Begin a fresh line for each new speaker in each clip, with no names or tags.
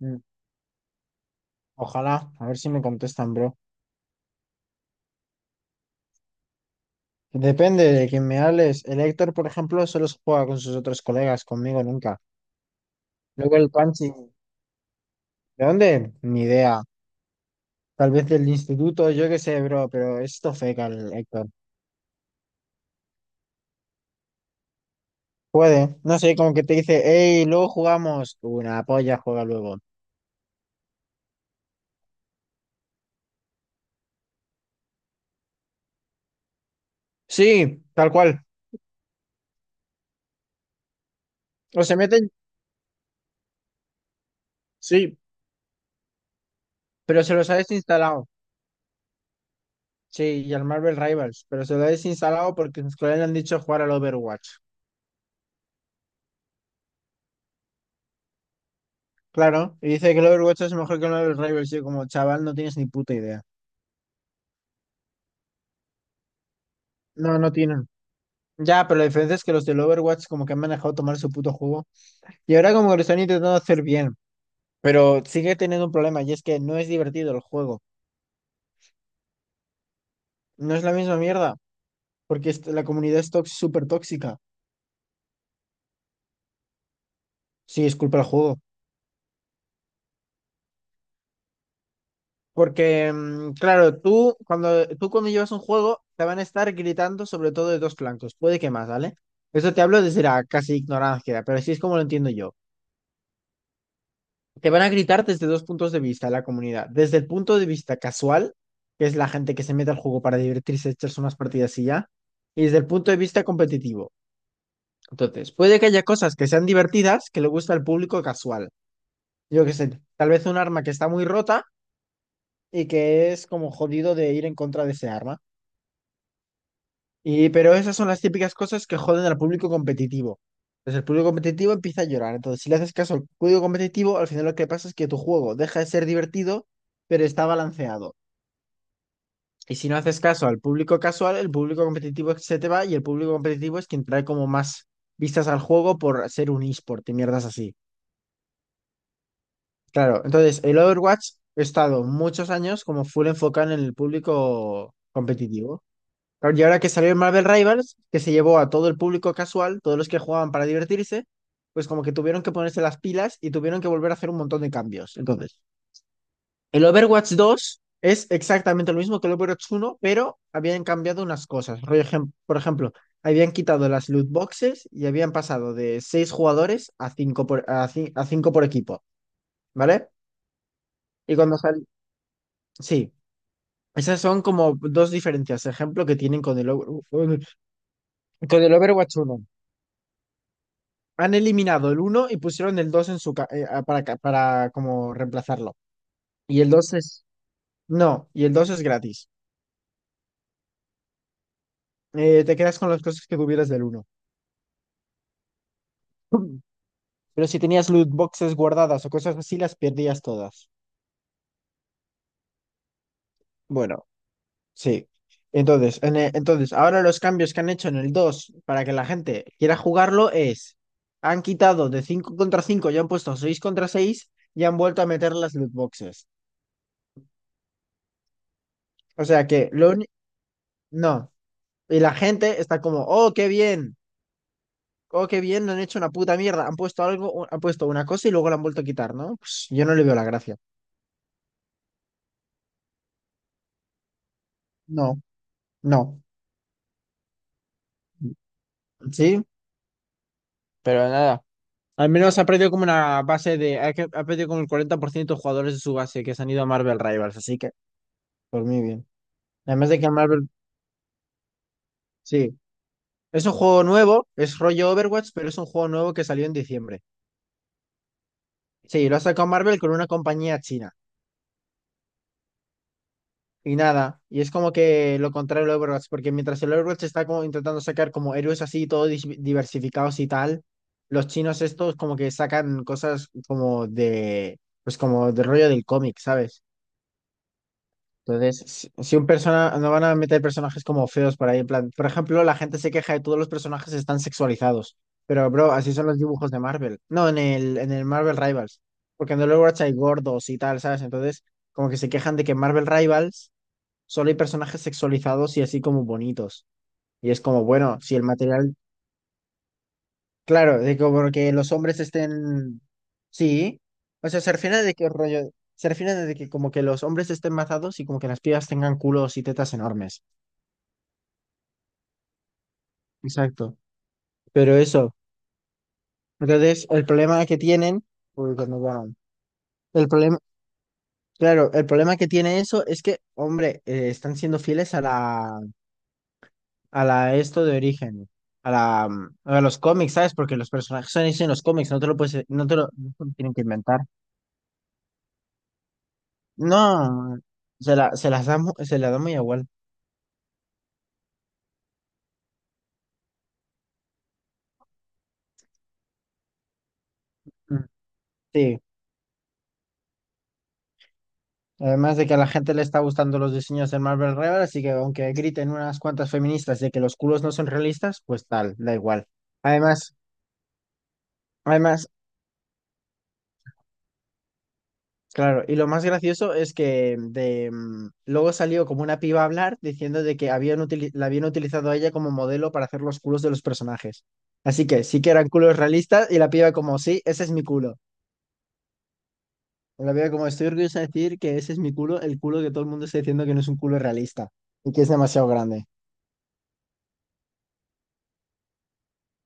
Mm, Ojalá, a ver si me contestan, bro. Depende de quién me hables. El Héctor, por ejemplo, solo se juega con sus otros colegas, conmigo nunca. Luego el Panchi, ¿de dónde? Ni idea. Tal vez del instituto, yo qué sé, bro, pero esto feca el Héctor. Puede, no sé, como que te dice, hey, luego jugamos. Una polla juega luego. Sí, tal cual. O se meten, sí, pero se los ha desinstalado. Sí, y al Marvel Rivals, pero se lo ha desinstalado porque sus colegas le han dicho jugar al Overwatch. Claro, y dice que el Overwatch es mejor que el Marvel Rivals. Yo como chaval no tienes ni puta idea. No, no tienen. Ya, pero la diferencia es que los del Overwatch como que han manejado tomar su puto juego. Y ahora como que lo están intentando hacer bien. Pero sigue teniendo un problema y es que no es divertido el juego. No es la misma mierda. Porque la comunidad es súper tóxica. Sí, es culpa del juego. Porque, claro, tú cuando llevas un juego te van a estar gritando sobre todo de dos flancos. Puede que más, ¿vale? Eso te hablo desde la casi ignorancia, pero así es como lo entiendo yo. Te van a gritar desde dos puntos de vista la comunidad. Desde el punto de vista casual, que es la gente que se mete al juego para divertirse, echarse unas partidas y ya, y desde el punto de vista competitivo. Entonces, puede que haya cosas que sean divertidas que le gusta al público casual. Yo qué sé, tal vez un arma que está muy rota y que es como jodido de ir en contra de ese arma. Y, pero esas son las típicas cosas que joden al público competitivo. Entonces el público competitivo empieza a llorar. Entonces, si le haces caso al público competitivo, al final lo que pasa es que tu juego deja de ser divertido, pero está balanceado. Y si no haces caso al público casual, el público competitivo se te va y el público competitivo es quien trae como más vistas al juego por ser un eSport y mierdas así. Claro, entonces el Overwatch ha estado muchos años como full enfocado en el público competitivo. Claro, y ahora que salió el Marvel Rivals, que se llevó a todo el público casual, todos los que jugaban para divertirse, pues como que tuvieron que ponerse las pilas y tuvieron que volver a hacer un montón de cambios. Entonces. El Overwatch dos es exactamente lo mismo que el Overwatch uno, pero habían cambiado unas cosas. Rollo por ejemplo, habían quitado las loot boxes y habían pasado de 6 jugadores a cinco por equipo, ¿vale? Y cuando sal... Sí, esas son como dos diferencias, ejemplo, que tienen con el Overwatch uno. Han eliminado el uno y pusieron el 2 en su para como reemplazarlo. Y el 2 es... No, y el 2 es gratis. Te quedas con las cosas que tuvieras del uno. Pero si tenías loot boxes guardadas o cosas así, las perdías todas. Bueno, sí. Entonces, entonces, ahora los cambios que han hecho en el 2 para que la gente quiera jugarlo es, han quitado de 5 contra 5 y han puesto 6 contra 6 y han vuelto a meter las loot boxes. O sea que lo uni- no. Y la gente está como, oh, qué bien, no han hecho una puta mierda. Han puesto algo, han puesto una cosa y luego la han vuelto a quitar, ¿no? Pues yo no le veo la gracia. No, no. Sí, pero nada. Al menos ha perdido como una base de. Ha perdido como el 40% de jugadores de su base que se han ido a Marvel Rivals, así que por mí bien. Además de que Marvel. Sí. Es un juego nuevo, es rollo Overwatch, pero es un juego nuevo que salió en diciembre. Sí, lo ha sacado Marvel con una compañía china. Y nada, y es como que lo contrario al Overwatch, porque mientras el Overwatch está como intentando sacar como héroes así, todos diversificados y tal, los chinos estos como que sacan cosas como de, pues como de rollo del cómic, ¿sabes? Entonces, si un persona, no van a meter personajes como feos por ahí, en plan, por ejemplo, la gente se queja de todos los personajes están sexualizados, pero bro, así son los dibujos de Marvel, no, en el Marvel Rivals, porque en The Overwatch hay gordos y tal, ¿sabes? Entonces, como que se quejan de que en Marvel Rivals solo hay personajes sexualizados y así como bonitos, y es como, bueno, si el material, claro, de como que los hombres estén, sí, o sea, se refieren de que rollo, se refieren de que como que los hombres estén mazados y como que las pibas tengan culos y tetas enormes. Exacto. Pero eso, entonces el problema que tienen, uy, cuando van, el problema, claro, el problema que tiene eso es que, hombre, están siendo fieles a la esto de origen, a la, a los cómics, ¿sabes? Porque los personajes son hechos en los cómics, no te lo puedes, no te lo tienen que inventar. No, se la da muy igual. Mm. Sí. Además de que a la gente le está gustando los diseños de Marvel Rival, así que aunque griten unas cuantas feministas de que los culos no son realistas, pues tal, da igual. Además, Además, claro, y lo más gracioso es que de, luego salió como una piba a hablar diciendo de que habían la habían utilizado a ella como modelo para hacer los culos de los personajes. Así que sí que eran culos realistas y la piba como, sí, ese es mi culo. Y la piba como, estoy orgullosa de decir que ese es mi culo, el culo que todo el mundo está diciendo que no es un culo realista y que es demasiado grande.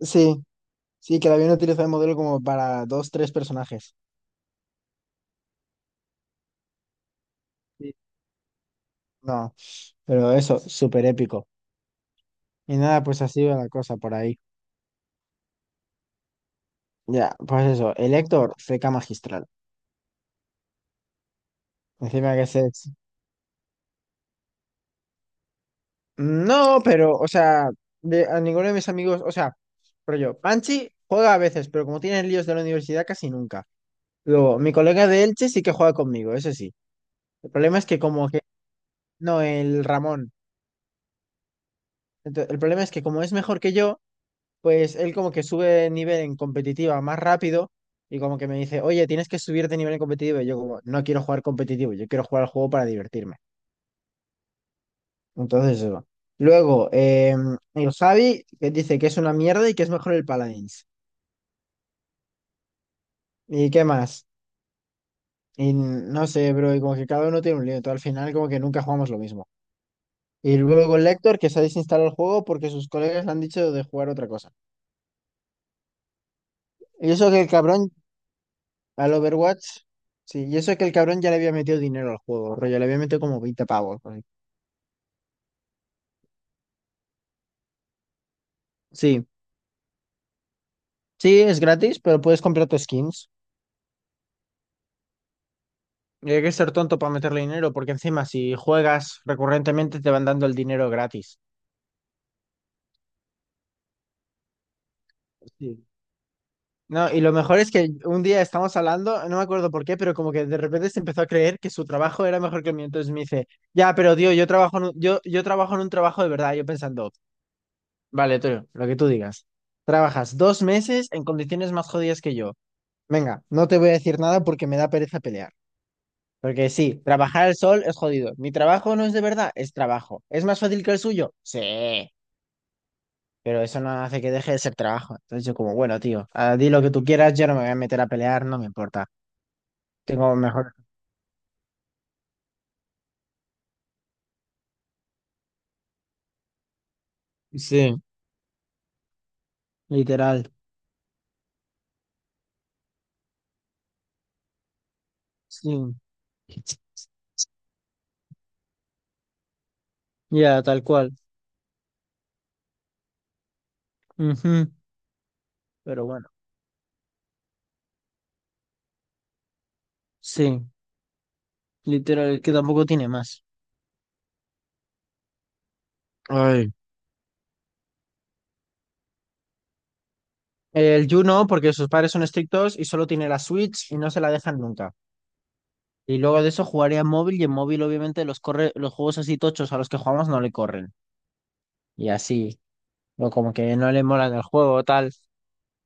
Sí, sí, que la habían utilizado de modelo como para dos, tres personajes. Sí. No, pero eso, súper épico. Y nada, pues así va la cosa por ahí. Ya, pues eso, el Héctor, feca magistral. Encima que ese. No, pero, o sea, a ninguno de mis amigos, o sea, rollo, Panchi juega a veces, pero como tiene líos de la universidad, casi nunca. Luego, mi colega de Elche sí que juega conmigo, eso sí. El problema es que como que... No, el Ramón. El problema es que como es mejor que yo, pues él como que sube de nivel en competitiva más rápido y como que me dice, oye, tienes que subir de nivel en competitivo. Y yo como, no quiero jugar competitivo, yo quiero jugar al juego para divertirme. Entonces eso. Luego, el Javi que dice que es una mierda y que es mejor el Paladins. ¿Y qué más? Y no sé, bro, y como que cada uno tiene un lío, todo al final como que nunca jugamos lo mismo. Y luego el Lector que se ha desinstalado el juego porque sus colegas le han dicho de jugar otra cosa. Y eso que el cabrón al Overwatch, sí, y eso que el cabrón ya le había metido dinero al juego, rollo, le había metido como 20 pavos por ahí. Sí, sí, es gratis, pero puedes comprarte skins. Y hay que ser tonto para meterle dinero, porque encima si juegas recurrentemente te van dando el dinero gratis. Sí. No, y lo mejor es que un día estamos hablando, no me acuerdo por qué, pero como que de repente se empezó a creer que su trabajo era mejor que el mío. Entonces me dice, ya, pero tío, yo trabajo en un trabajo de verdad. Yo pensando, vale, tío, lo que tú digas. Trabajas dos meses en condiciones más jodidas que yo. Venga, no te voy a decir nada porque me da pereza pelear. Porque sí, trabajar al sol es jodido. Mi trabajo no es de verdad, es trabajo. ¿Es más fácil que el suyo? Sí. Pero eso no hace que deje de ser trabajo. Entonces yo como, bueno, tío, ah, di lo que tú quieras, yo no me voy a meter a pelear, no me importa. Tengo mejor. Sí, literal. Sí. Ya, tal cual. Ujú. Pero bueno, sí, literal, es que tampoco tiene más. Ay. El Yu no, porque sus padres son estrictos y solo tiene la Switch y no se la dejan nunca. Y luego de eso jugaría en móvil y en móvil obviamente los corre, los juegos así tochos a los que jugamos no le corren. Y así, o como que no le molan el juego o tal.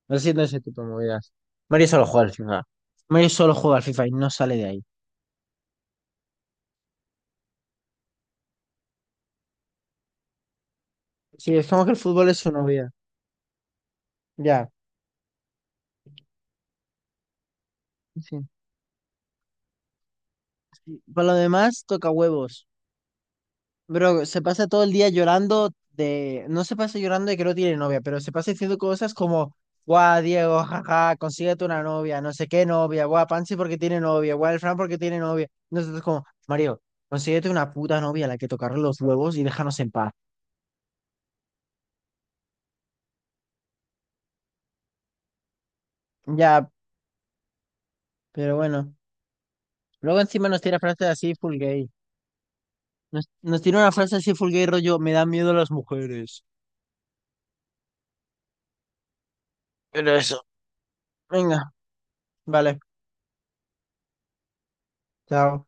Haciendo ese tipo de movidas. Mario solo juega al FIFA. Mario solo juega al FIFA y no sale de ahí. Sí, es como que el fútbol es su novia. Ya. Sí. Y para lo demás, toca huevos. Pero se pasa todo el día llorando de... No se pasa llorando de que no tiene novia, pero se pasa diciendo cosas como, guau, Diego, jaja, consíguete una novia, no sé qué novia, guau, Pansy porque tiene novia, guau, el Fran porque tiene novia. Nosotros como, Mario, consíguete una puta novia a la que tocarle los huevos y déjanos en paz. Ya, pero bueno. Luego encima nos tira frases así full gay. Nos tiene una frase así fulgay rollo, me da miedo las mujeres. Era eso. Venga, vale. Chao.